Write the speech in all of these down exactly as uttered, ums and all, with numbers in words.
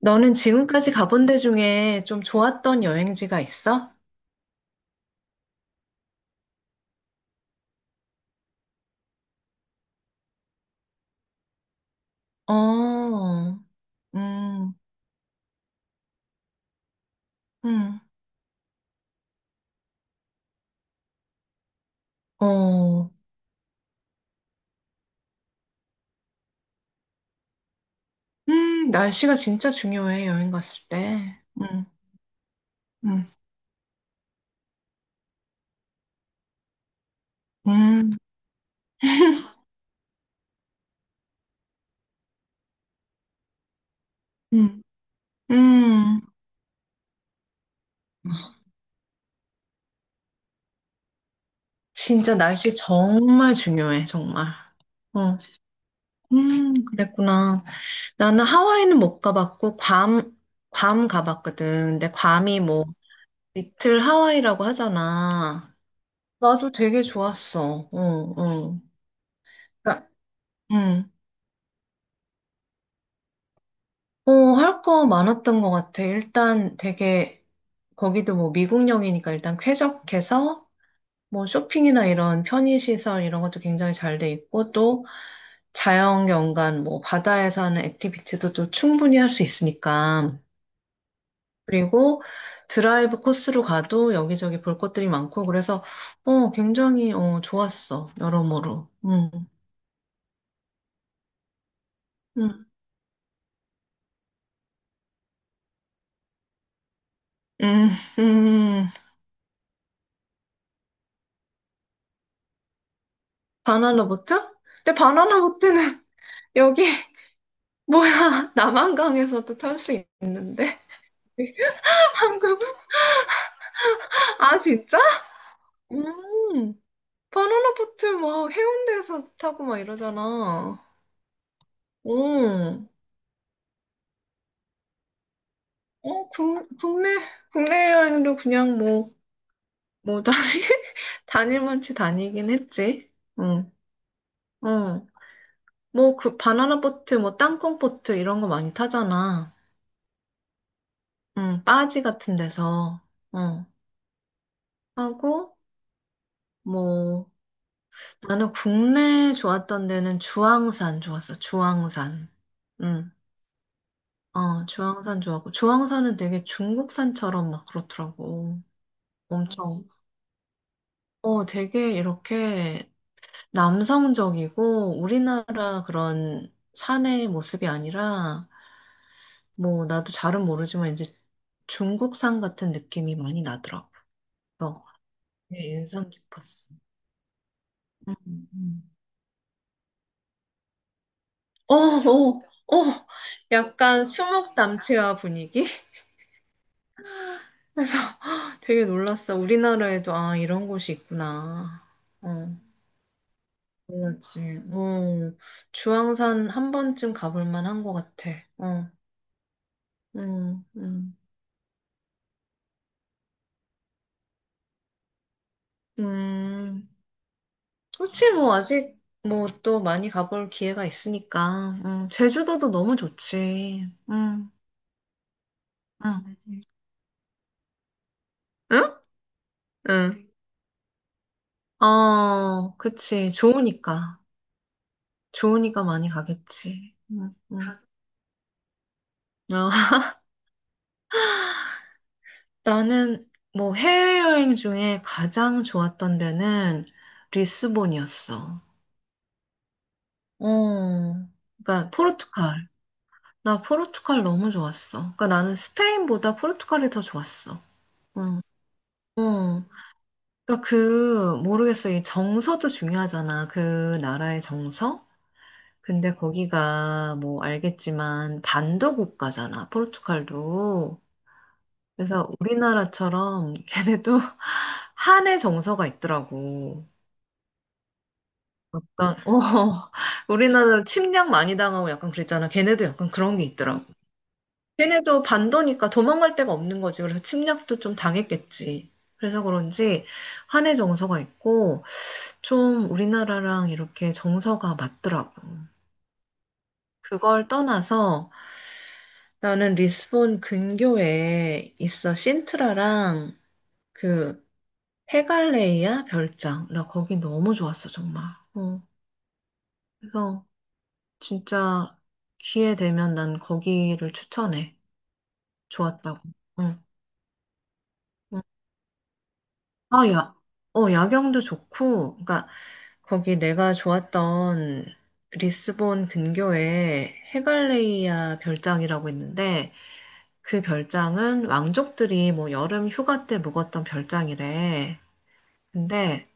너는 지금까지 가본 데 중에 좀 좋았던 여행지가 있어? 어, 음, 음, 어, 음, 날씨가 진짜 중요해, 여행 갔을 때. 음, 음, 음, 음, 음. 진짜 날씨 정말 중요해, 정말. 어, 음, 그랬구나. 나는 하와이는 못 가봤고, 괌, 괌 가봤거든. 근데 괌이 뭐, 리틀 하와이라고 하잖아. 나도 되게 좋았어. 응, 응. 그러니까, 응. 어, 할 거 많았던 것 같아. 일단 되게, 거기도 뭐 미국령이니까 일단 쾌적해서, 뭐 쇼핑이나 이런 편의시설 이런 것도 굉장히 잘 돼 있고, 또 자연 경관, 뭐 바다에서 하는 액티비티도 또 충분히 할 수 있으니까. 그리고 드라이브 코스로 가도 여기저기 볼 것들이 많고, 그래서, 어, 굉장히, 어, 좋았어. 여러모로. 응, 응, 응, 응. 바나나 보트? 근데 바나나 보트는 여기 뭐야, 남한강에서도 탈 수 있는데. 한국. 아, 진짜? 음, 바나나 보트 막 해운대에서 타고 막 이러잖아. 음, 어 국, 국내 국내 여행도 그냥 뭐 뭐 다니 다닐 만치 다니긴 했지. 응, 응. 뭐 그 바나나 보트 뭐 땅콩 보트 이런 거 많이 타잖아. 응, 빠지 같은 데서. 응. 하고. 뭐, 나는 국내 좋았던 데는 주황산 좋았어, 주황산. 응, 어, 주황산 좋았고, 주황산은 되게 중국산처럼 막 그렇더라고. 엄청, 어, 되게 이렇게 남성적이고, 우리나라 그런 산의 모습이 아니라, 뭐, 나도 잘은 모르지만, 이제 중국산 같은 느낌이 많이 나더라고. 어, 되게 인상 깊었어. 음, 음. 어, 어, 어, 약간 수묵 담채화 분위기? 그래서 되게 놀랐어. 우리나라에도 아, 이런 곳이 있구나. 어, 그렇지. 어, 주황산 한 번쯤 가볼 만한 것 같아. 어, 음, 음, 음. 그렇지 뭐, 아직 뭐 또 많이 가볼 기회가 있으니까. 음, 제주도도 너무 좋지. 음, 음. 응? 응. 어, 그치. 좋으니까. 좋으니까 많이 가겠지. 응, 응. 어. 나는 뭐 해외여행 중에 가장 좋았던 데는 리스본이었어. 어, 그러니까 포르투갈. 나 포르투갈 너무 좋았어. 그러니까 나는 스페인보다 포르투갈이 더 좋았어. 응. 응. 그러니까 그 모르겠어. 이 정서도 중요하잖아. 그 나라의 정서. 근데 거기가 뭐 알겠지만 반도 국가잖아. 포르투갈도. 그래서 우리나라처럼 걔네도 한의 정서가 있더라고. 약간, 어, 우리나라 침략 많이 당하고 약간 그랬잖아. 걔네도 약간 그런 게 있더라고. 걔네도 반도니까 도망갈 데가 없는 거지. 그래서 침략도 좀 당했겠지. 그래서 그런지 한의 정서가 있고 좀 우리나라랑 이렇게 정서가 맞더라고. 그걸 떠나서 나는 리스본 근교에 있어, 신트라랑 그 페갈레이아 별장. 나 거기 너무 좋았어, 정말. 어, 그래서 진짜 기회 되면 난 거기를 추천해. 좋았다고. 응. 응. 아, 야. 어, 야경도 좋고, 그러니까 거기 내가 좋았던 리스본 근교에 헤갈레이아 별장이라고 있는데, 그 별장은 왕족들이 뭐 여름 휴가 때 묵었던 별장이래. 근데,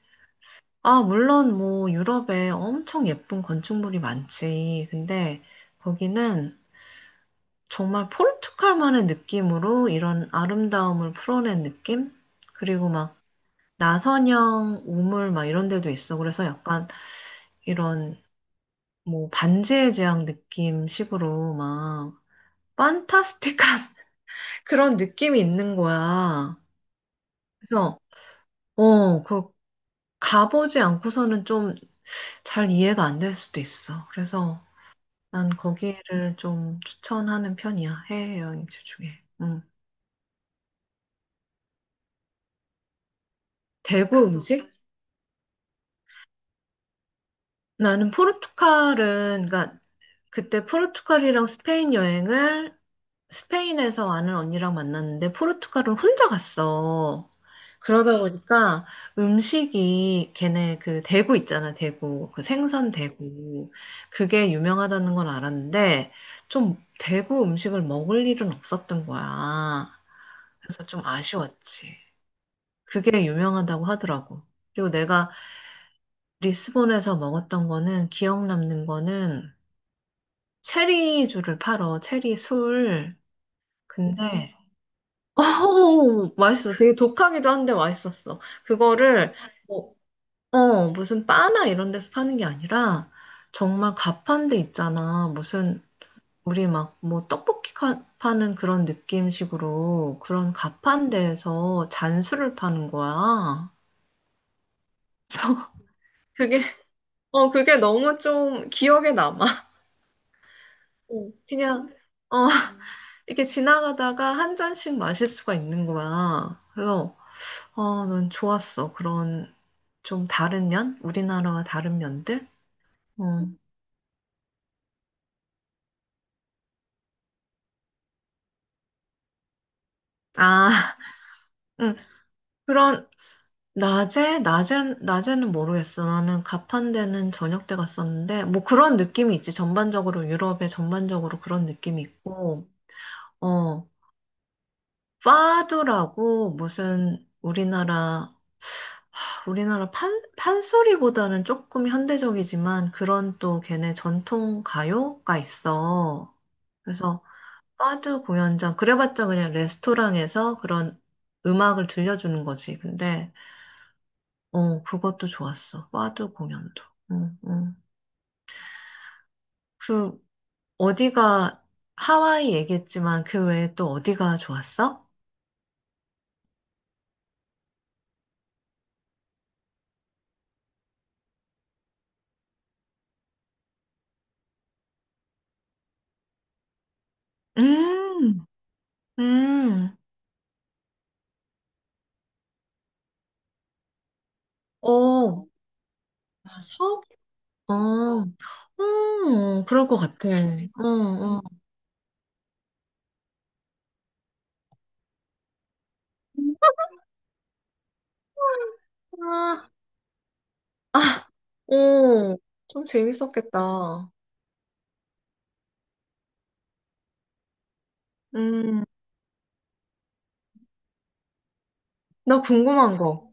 아, 물론 뭐 유럽에 엄청 예쁜 건축물이 많지. 근데 거기는 정말 포르투갈만의 느낌으로 이런 아름다움을 풀어낸 느낌? 그리고 막 나선형 우물 막 이런 데도 있어. 그래서 약간 이런 뭐 반지의 제왕 느낌 식으로 막 판타스틱한 그런 느낌이 있는 거야. 그래서 어, 그 가보지 않고서는 좀 잘 이해가 안 될 수도 있어. 그래서 난 거기를 좀 추천하는 편이야. 해외여행지 중에. 음. 대구 음식? 나는 포르투갈은, 그러니까 그때 포르투갈이랑 스페인 여행을 스페인에서 아는 언니랑 만났는데 포르투갈은 혼자 갔어. 그러다 보니까 음식이, 걔네 그 대구 있잖아, 대구. 그 생선 대구. 그게 유명하다는 건 알았는데 좀 대구 음식을 먹을 일은 없었던 거야. 그래서 좀 아쉬웠지. 그게 유명하다고 하더라고. 그리고 내가 리스본에서 먹었던 거는, 기억 남는 거는 체리주를 팔어, 체리 술. 음. 근데, 어, 맛있어. 되게 독하기도 한데 맛있었어. 그거를, 뭐, 어, 무슨 바나 이런 데서 파는 게 아니라, 정말 가판대 있잖아. 무슨, 우리 막, 뭐, 떡볶이 카- 파는 그런 느낌식으로 그런 가판대에서 잔술을 파는 거야. 그래서 그게, 어, 그게 너무 좀 기억에 남아. 어, 그냥, 어. 이렇게 지나가다가 한 잔씩 마실 수가 있는 거야. 그래서 어, 난 좋았어. 그런 좀 다른 면? 우리나라와 다른 면들? 어. 아, 응. 그런 낮에 낮에 낮에는 모르겠어. 나는 가판대는 저녁 때 갔었는데 뭐 그런 느낌이 있지. 전반적으로 유럽에 전반적으로 그런 느낌이 있고, 어, 파도라고 무슨 우리나라 우리나라 판, 판소리보다는 조금 현대적이지만 그런 또 걔네 전통 가요가 있어. 그래서 파드 공연장, 그래봤자 그냥 레스토랑에서 그런 음악을 들려주는 거지. 근데, 어, 그것도 좋았어. 파드 공연도. 응, 응. 그, 어디가, 하와이 얘기했지만 그 외에 또 어디가 좋았어? 음, 음, 어, 아, 섬? 어, 음, 그럴 것 같아. 어, 어. 아, 아, 오, 좀 재밌었겠다. 음, 나 궁금한 거. 음.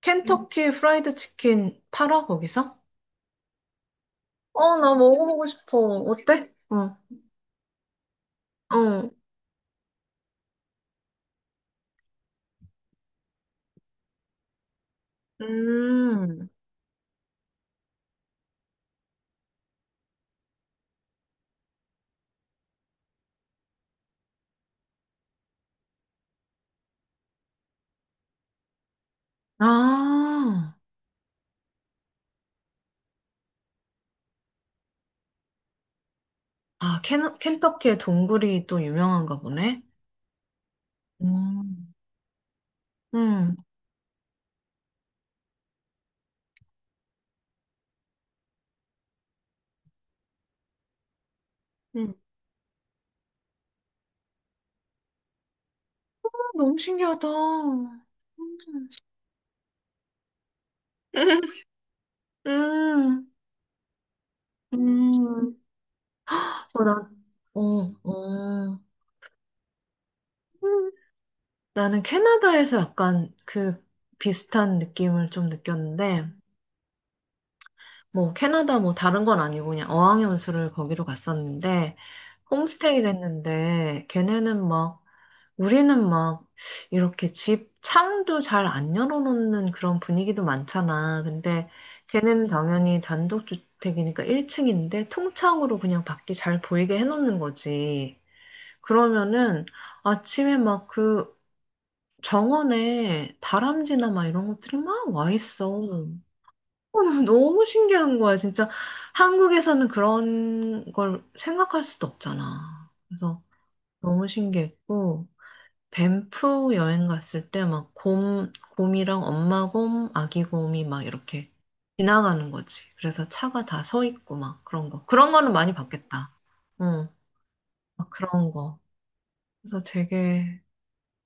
켄터키 프라이드 치킨 팔아, 거기서? 어, 나 먹어보고 싶어. 어때? 어, 어. 음, 아, 아, 켄, 켄터키의 동굴이 또 유명한가 보네? 음, 음. 음. 어, 너무 신기하다. 음, 음, 어, 나, 어, 어. 나는 캐나다에서 약간 그 비슷한 느낌을 좀 느꼈는데, 뭐 캐나다 뭐 다른 건 아니고 그냥 어학연수를 거기로 갔었는데, 홈스테이를 했는데, 걔네는 막, 우리는 막 이렇게 집 창도 잘 안 열어놓는 그런 분위기도 많잖아. 근데 걔네는 당연히 단독주택이니까 일 층인데 통창으로 그냥 밖이 잘 보이게 해놓는 거지. 그러면은 아침에 막그 정원에 다람쥐나 막 이런 것들이 막 와 있어. 어, 너무 신기한 거야, 진짜. 한국에서는 그런 걸 생각할 수도 없잖아. 그래서 너무 신기했고, 밴프 여행 갔을 때 막 곰, 곰이랑 엄마 곰, 아기 곰이 막 이렇게 지나가는 거지. 그래서 차가 다 서 있고 막 그런 거. 그런 거는 많이 봤겠다. 응, 막 그런 거. 그래서 되게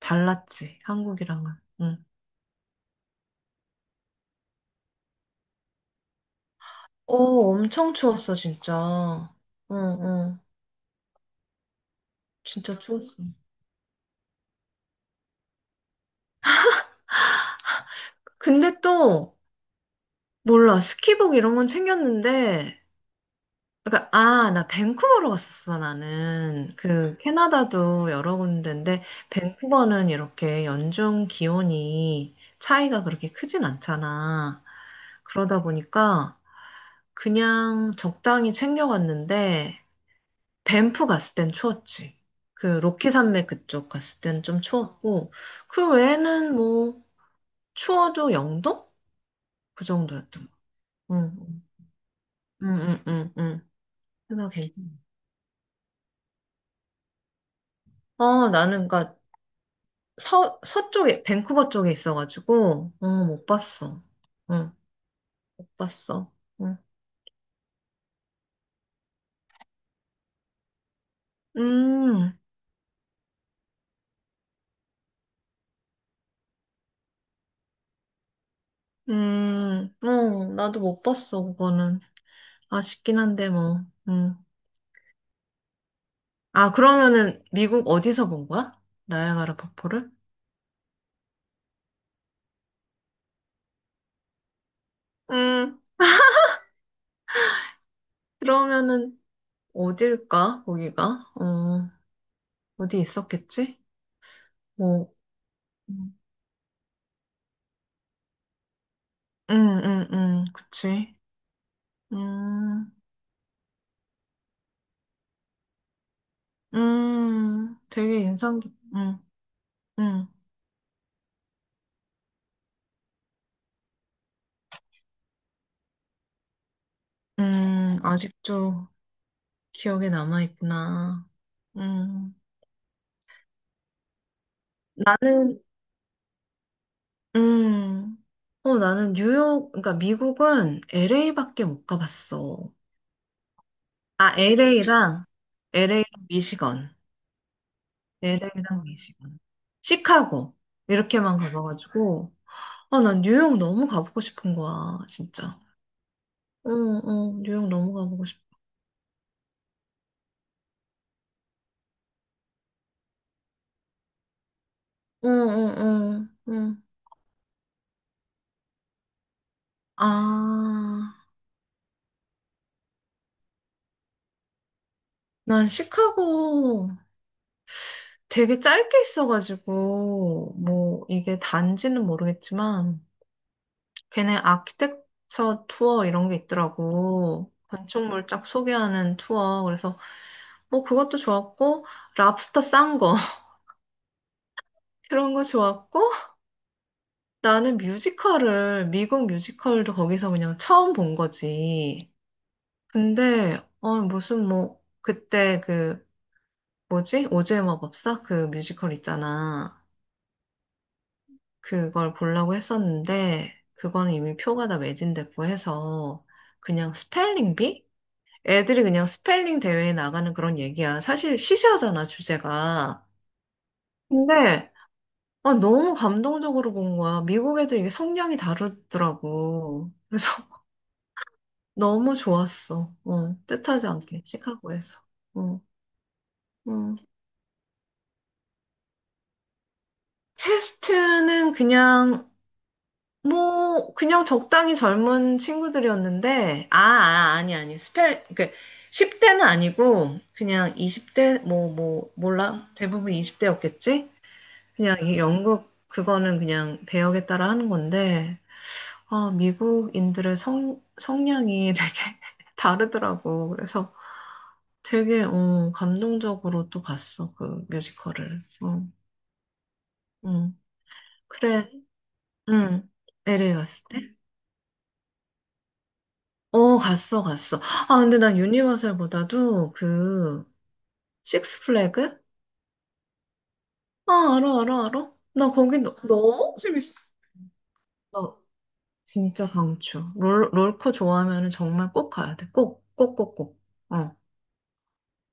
달랐지, 한국이랑은. 응. 어, 엄청 추웠어, 진짜. 응, 응. 진짜 추웠어. 근데 또, 몰라. 스키복 이런 건 챙겼는데, 그러니까, 아, 나 밴쿠버로 갔었어, 나는. 그, 캐나다도 여러 군데인데, 밴쿠버는 이렇게 연중 기온이 차이가 그렇게 크진 않잖아. 그러다 보니까, 그냥 적당히 챙겨갔는데, 밴프 갔을 땐 추웠지. 그 로키 산맥 그쪽 갔을 땐 좀 추웠고, 그 외에는 뭐 추워도 영도? 그 정도였던 거. 응, 응, 응, 응, 응. 그래서 괜찮아. 어, 나는 그니까 서 서쪽에 밴쿠버 쪽에 있어가지고 어, 못 봤어. 응, 못 봤어. 응. 음, 음, 어, 나도 못 봤어, 그거는. 아쉽긴 한데, 뭐. 음. 아, 그러면은 미국 어디서 본 거야? 나야가라 폭포를? 음. 그러면은 어딜까? 거기가? 어, 어디 있었겠지? 뭐, 음, 음, 음, 음, 그치. 음, 음, 되게 인상 깊, 음, 음, 음, 아직도 기억에 남아있구나. 음, 나는, 음, 어, 나는 뉴욕, 그러니까 미국은 엘에이밖에 못 가봤어. 아, 엘에이랑, 엘에이랑 미시건. 엘에이랑 미시 시카고. 이렇게만 가봐가지고. 아, 난 뉴욕 너무 가보고 싶은 거야, 진짜. 응, 응, 뉴욕 너무 가보고 싶어. 응, 응, 응, 응. 아, 난 시카고 되게 짧게 있어가지고, 뭐, 이게 단지는 모르겠지만, 걔네 아키텍처 투어 이런 게 있더라고. 건축물 쫙 소개하는 투어. 그래서, 뭐, 그것도 좋았고, 랍스터 싼 거, 그런 거 좋았고, 나는 뮤지컬을, 미국 뮤지컬도 거기서 그냥 처음 본 거지. 근데, 어, 무슨 뭐, 그때 그, 뭐지? 오즈의 마법사? 그 뮤지컬 있잖아. 그걸 보려고 했었는데, 그거는 이미 표가 다 매진됐고 해서, 그냥 스펠링비? 애들이 그냥 스펠링 대회에 나가는 그런 얘기야. 사실 시시하잖아, 주제가. 근데, 아, 너무 감동적으로 본 거야. 미국 애들 이게 성향이 다르더라고. 그래서 너무 좋았어. 어, 뜻하지 않게 시카고에서. 어, 음. 퀘스트는 그냥 뭐 그냥 적당히 젊은 친구들이었는데, 아, 아 아니 아니 스펠 그 십 대는 아니고 그냥 이십 대 뭐 뭐 몰라, 대부분 이십 대였겠지? 그냥 이 영국 그거는 그냥 배역에 따라 하는 건데, 아, 미국인들의 성 성향이 되게 다르더라고. 그래서 되게 어, 감동적으로 또 봤어 그 뮤지컬을. 어, 응. 그래, 응. 엘에이 갔을 때? 어, 갔어, 갔어. 아, 근데 난 유니버설보다도 그 식스 플래그? 아, 알아, 알아, 알아. 나 거기 너, 너무 재밌었어. 나 진짜 강추. 롤, 롤코 좋아하면 은 정말 꼭 가야 돼. 꼭, 꼭, 꼭, 꼭. 어.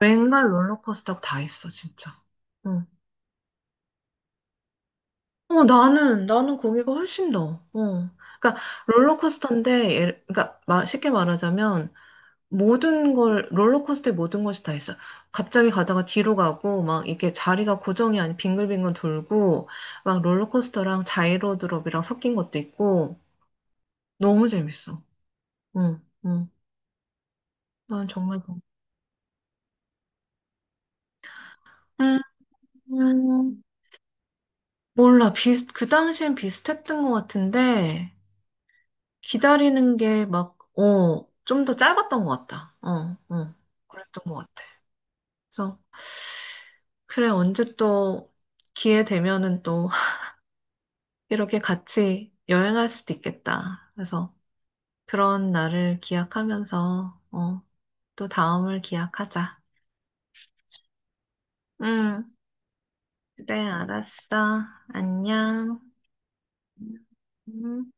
웬걸 롤러코스터가 다 있어, 진짜. 어. 어, 나는, 나는 거기가 훨씬 더, 어. 그러니까, 롤러코스터인데, 예를- 그러니까, 말- 쉽게 말하자면, 모든 걸, 롤러코스터에 모든 것이 다 있어. 갑자기 가다가 뒤로 가고, 막, 이게 자리가 고정이 아닌 빙글빙글 돌고, 막, 롤러코스터랑 자이로드롭이랑 섞인 것도 있고, 너무 재밌어. 응, 응. 난 정말, 그- 음, 음, 몰라. 비슷, 그 당시엔 비슷했던 것 같은데, 기다리는 게 막, 어, 좀 더 짧았던 것 같다. 어, 어, 그랬던 것 같아. 그래서, 그래, 언제 또 기회 되면은 또 이렇게 같이 여행할 수도 있겠다. 그래서 그런 날을 기약하면서, 어, 또 다음을 기약하자. 응, 그래, 알았어. 안녕. 음.